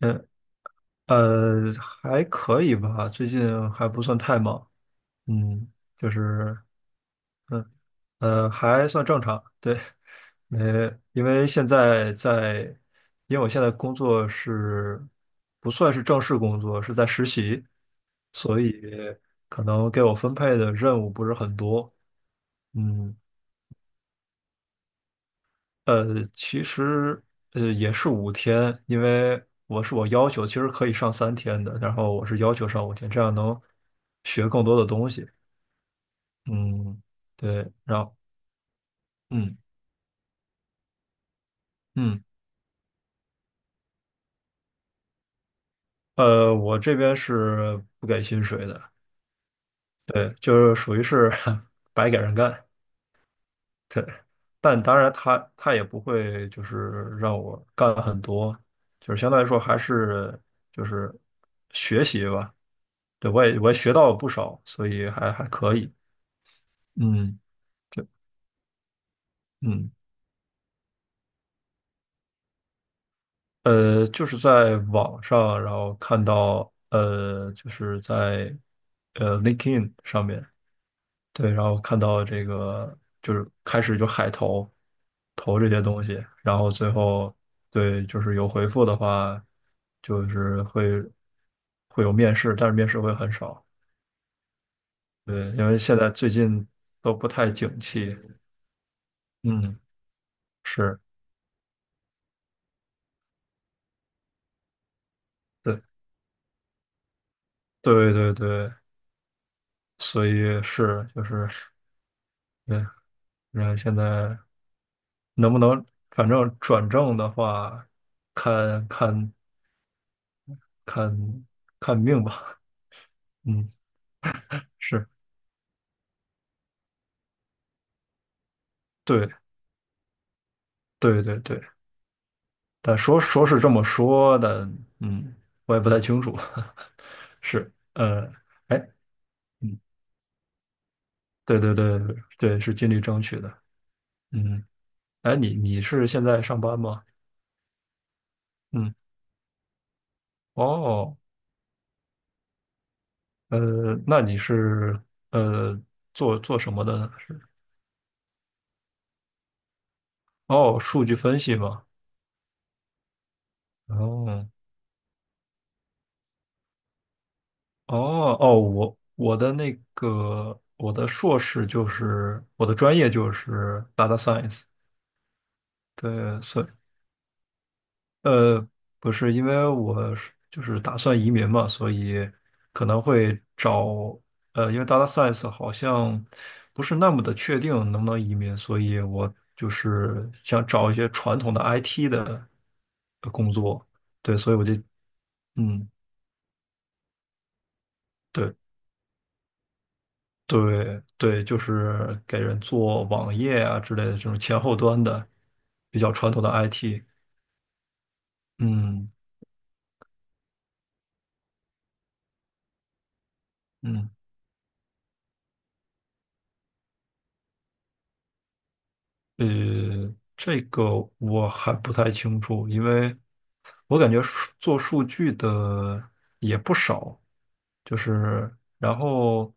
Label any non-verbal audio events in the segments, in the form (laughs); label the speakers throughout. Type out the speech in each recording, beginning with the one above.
Speaker 1: 嗯。还可以吧，最近还不算太忙。嗯。就是，嗯。还算正常。对。呃，因为现在在，因为我现在工作是不算是正式工作，是在实习，所以可能给我分配的任务不是很多。嗯。呃，其实，也是五天，因为我要求，其实可以上3天的，然后我是要求上五天，这样能学更多的东西。嗯，对。然后，嗯嗯。我这边是不给薪水的。对，就是属于是 (laughs) 白给人干。对，但当然他也不会就是让我干很多，就是相对来说还是就是学习吧。对，我也学到了不少，所以还可以。嗯，对，嗯。就是在网上，然后看到，就是在LinkedIn 上面。对，然后看到这个就是开始就海投，投这些东西，然后最后，对，就是有回复的话，就是会有面试，但是面试会很少。对，因为现在最近都不太景气。嗯，是。对。对对对，所以是就是。对，然后现在能不能，反正转正的话，看看看看命吧。嗯，是，对对对对。但说是这么说的。嗯，我也不太清楚。(laughs) 是。哎，嗯，对对对对，对，是尽力争取的。嗯。哎，你是现在上班吗？嗯，哦。呃，那你是呃做什么的呢？哦，数据分析嘛。哦哦哦，我的硕士就是我的专业就是 data science。对，所以呃不是，因为就是打算移民嘛，所以可能会找，因为 data science 好像不是那么的确定能不能移民，所以我就是想找一些传统的 IT 的工作。对，所以我就，嗯。对。对对，就是给人做网页啊之类的这种前后端的比较传统的 IT。嗯嗯。呃，这个我还不太清楚，因为我感觉做数据的也不少，就是，然后，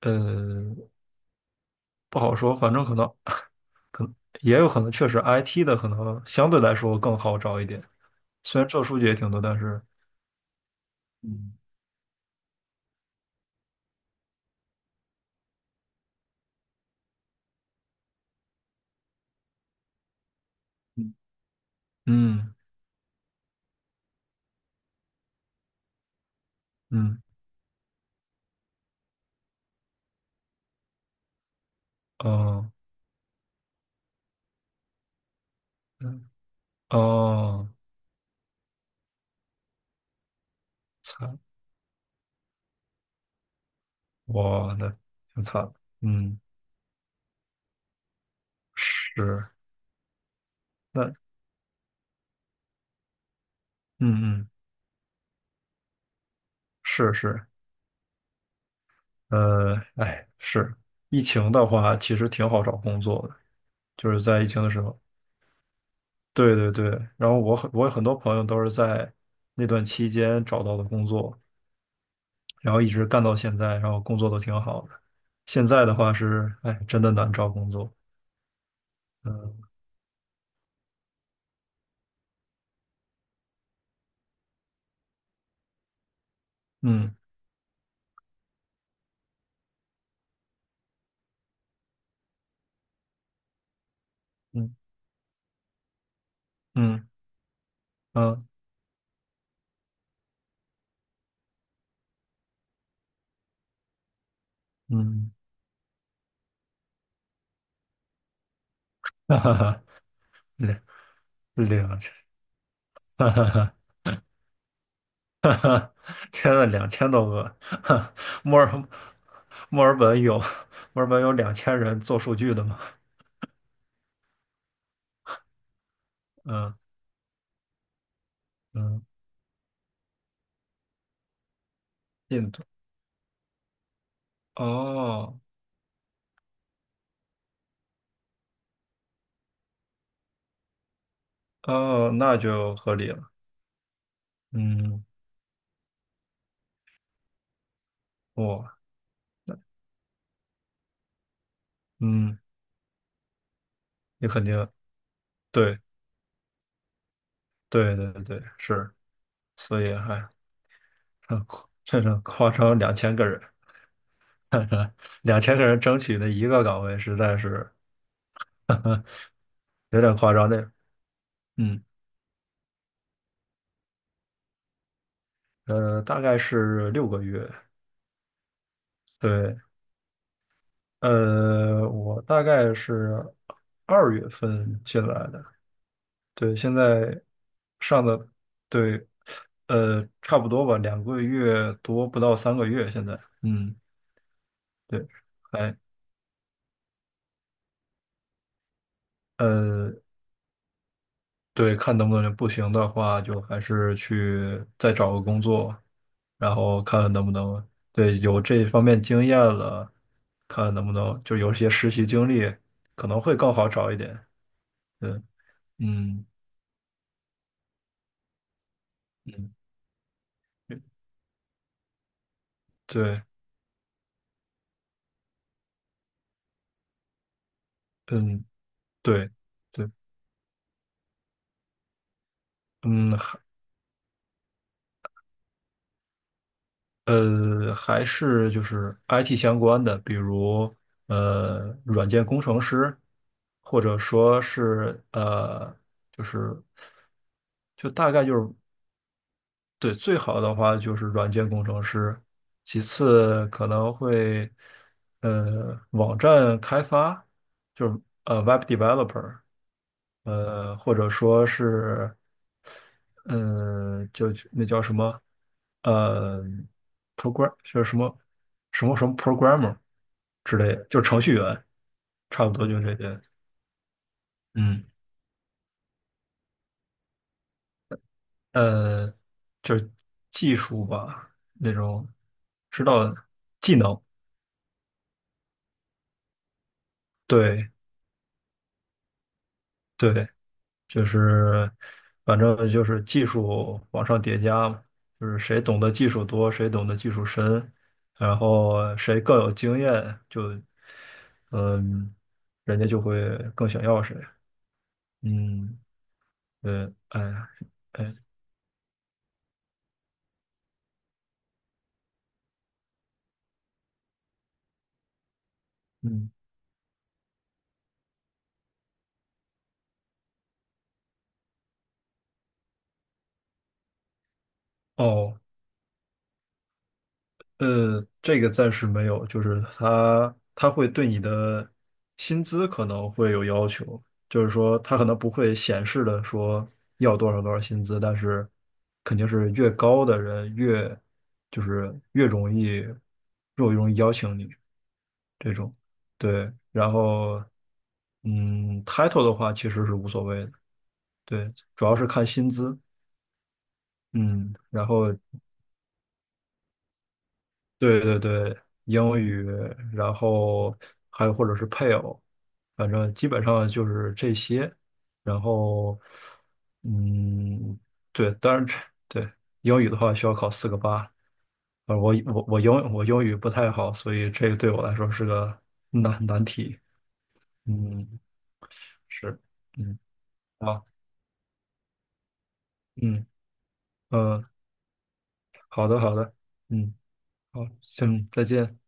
Speaker 1: 呃不好说，反正可能也有可能确实 IT 的可能相对来说更好找一点，虽然做数据也挺多，但是，嗯嗯嗯。嗯哦，嗯，哦，惨，哇，挺惨的。嗯，是，那，嗯嗯，是是。哎，是，疫情的话，其实挺好找工作的，就是在疫情的时候。对对对，然后我有很多朋友都是在那段期间找到的工作，然后一直干到现在，然后工作都挺好的，现在的话是，哎，真的难找工作。嗯嗯嗯嗯嗯嗯，(laughs) 哈哈哈。(laughs) 两千，(laughs) 哈哈哈，哈哈，天呐，2000多个，(laughs) 哈。墨尔墨尔本有墨尔本有2000人做数据的吗？嗯嗯，印度，哦哦，那就合理了。嗯，哇，嗯，你肯定，对对对对，是。所以还，这种夸张，两千个人，(laughs) 两千个人争取的一个岗位，实在是 (laughs) 有点夸张的。那，嗯。大概是6个月。对。我大概是2月份进来的。对，现在上的。对。差不多吧，2个月多，不到3个月，现在，嗯，对，还。呃，对，看能不能。不行的话，就还是去再找个工作，然后看看能不能，对，有这方面经验了，看能不能就有一些实习经历，可能会更好找一点。对，嗯。嗯。对，嗯，对，对，嗯，还是就是 IT 相关的，比如，软件工程师，或者说是，呃，就是就大概就是，对，最好的话就是软件工程师，其次可能会，网站开发，就是，web developer,或者说是，就那叫什么，呃，program 就是什么什么 programmer 之类的，就是程序员，差不多就这些。嗯。呃，就是技术吧，那种知道技能。对对，就是反正就是技术往上叠加嘛，就是谁懂得技术多，谁懂得技术深，然后谁更有经验，就，嗯，人家就会更想要谁。嗯，对，哎呀，哎，嗯，哦。这个暂时没有，就是他会对你的薪资可能会有要求，就是说他可能不会显示的说要多少多少薪资，但是肯定是越高的人越，就是，越容易邀请你这种。对，然后，嗯，title 的话其实是无所谓的。对，主要是看薪资。嗯然后，对对对，英语，然后还有或者是配偶，反正基本上就是这些。然后，嗯，对，当然，对，英语的话需要考4个8。啊，我英语不太好，所以这个对我来说是个难题。嗯，是，嗯，好，嗯嗯。好的好的。嗯，好，行，再见。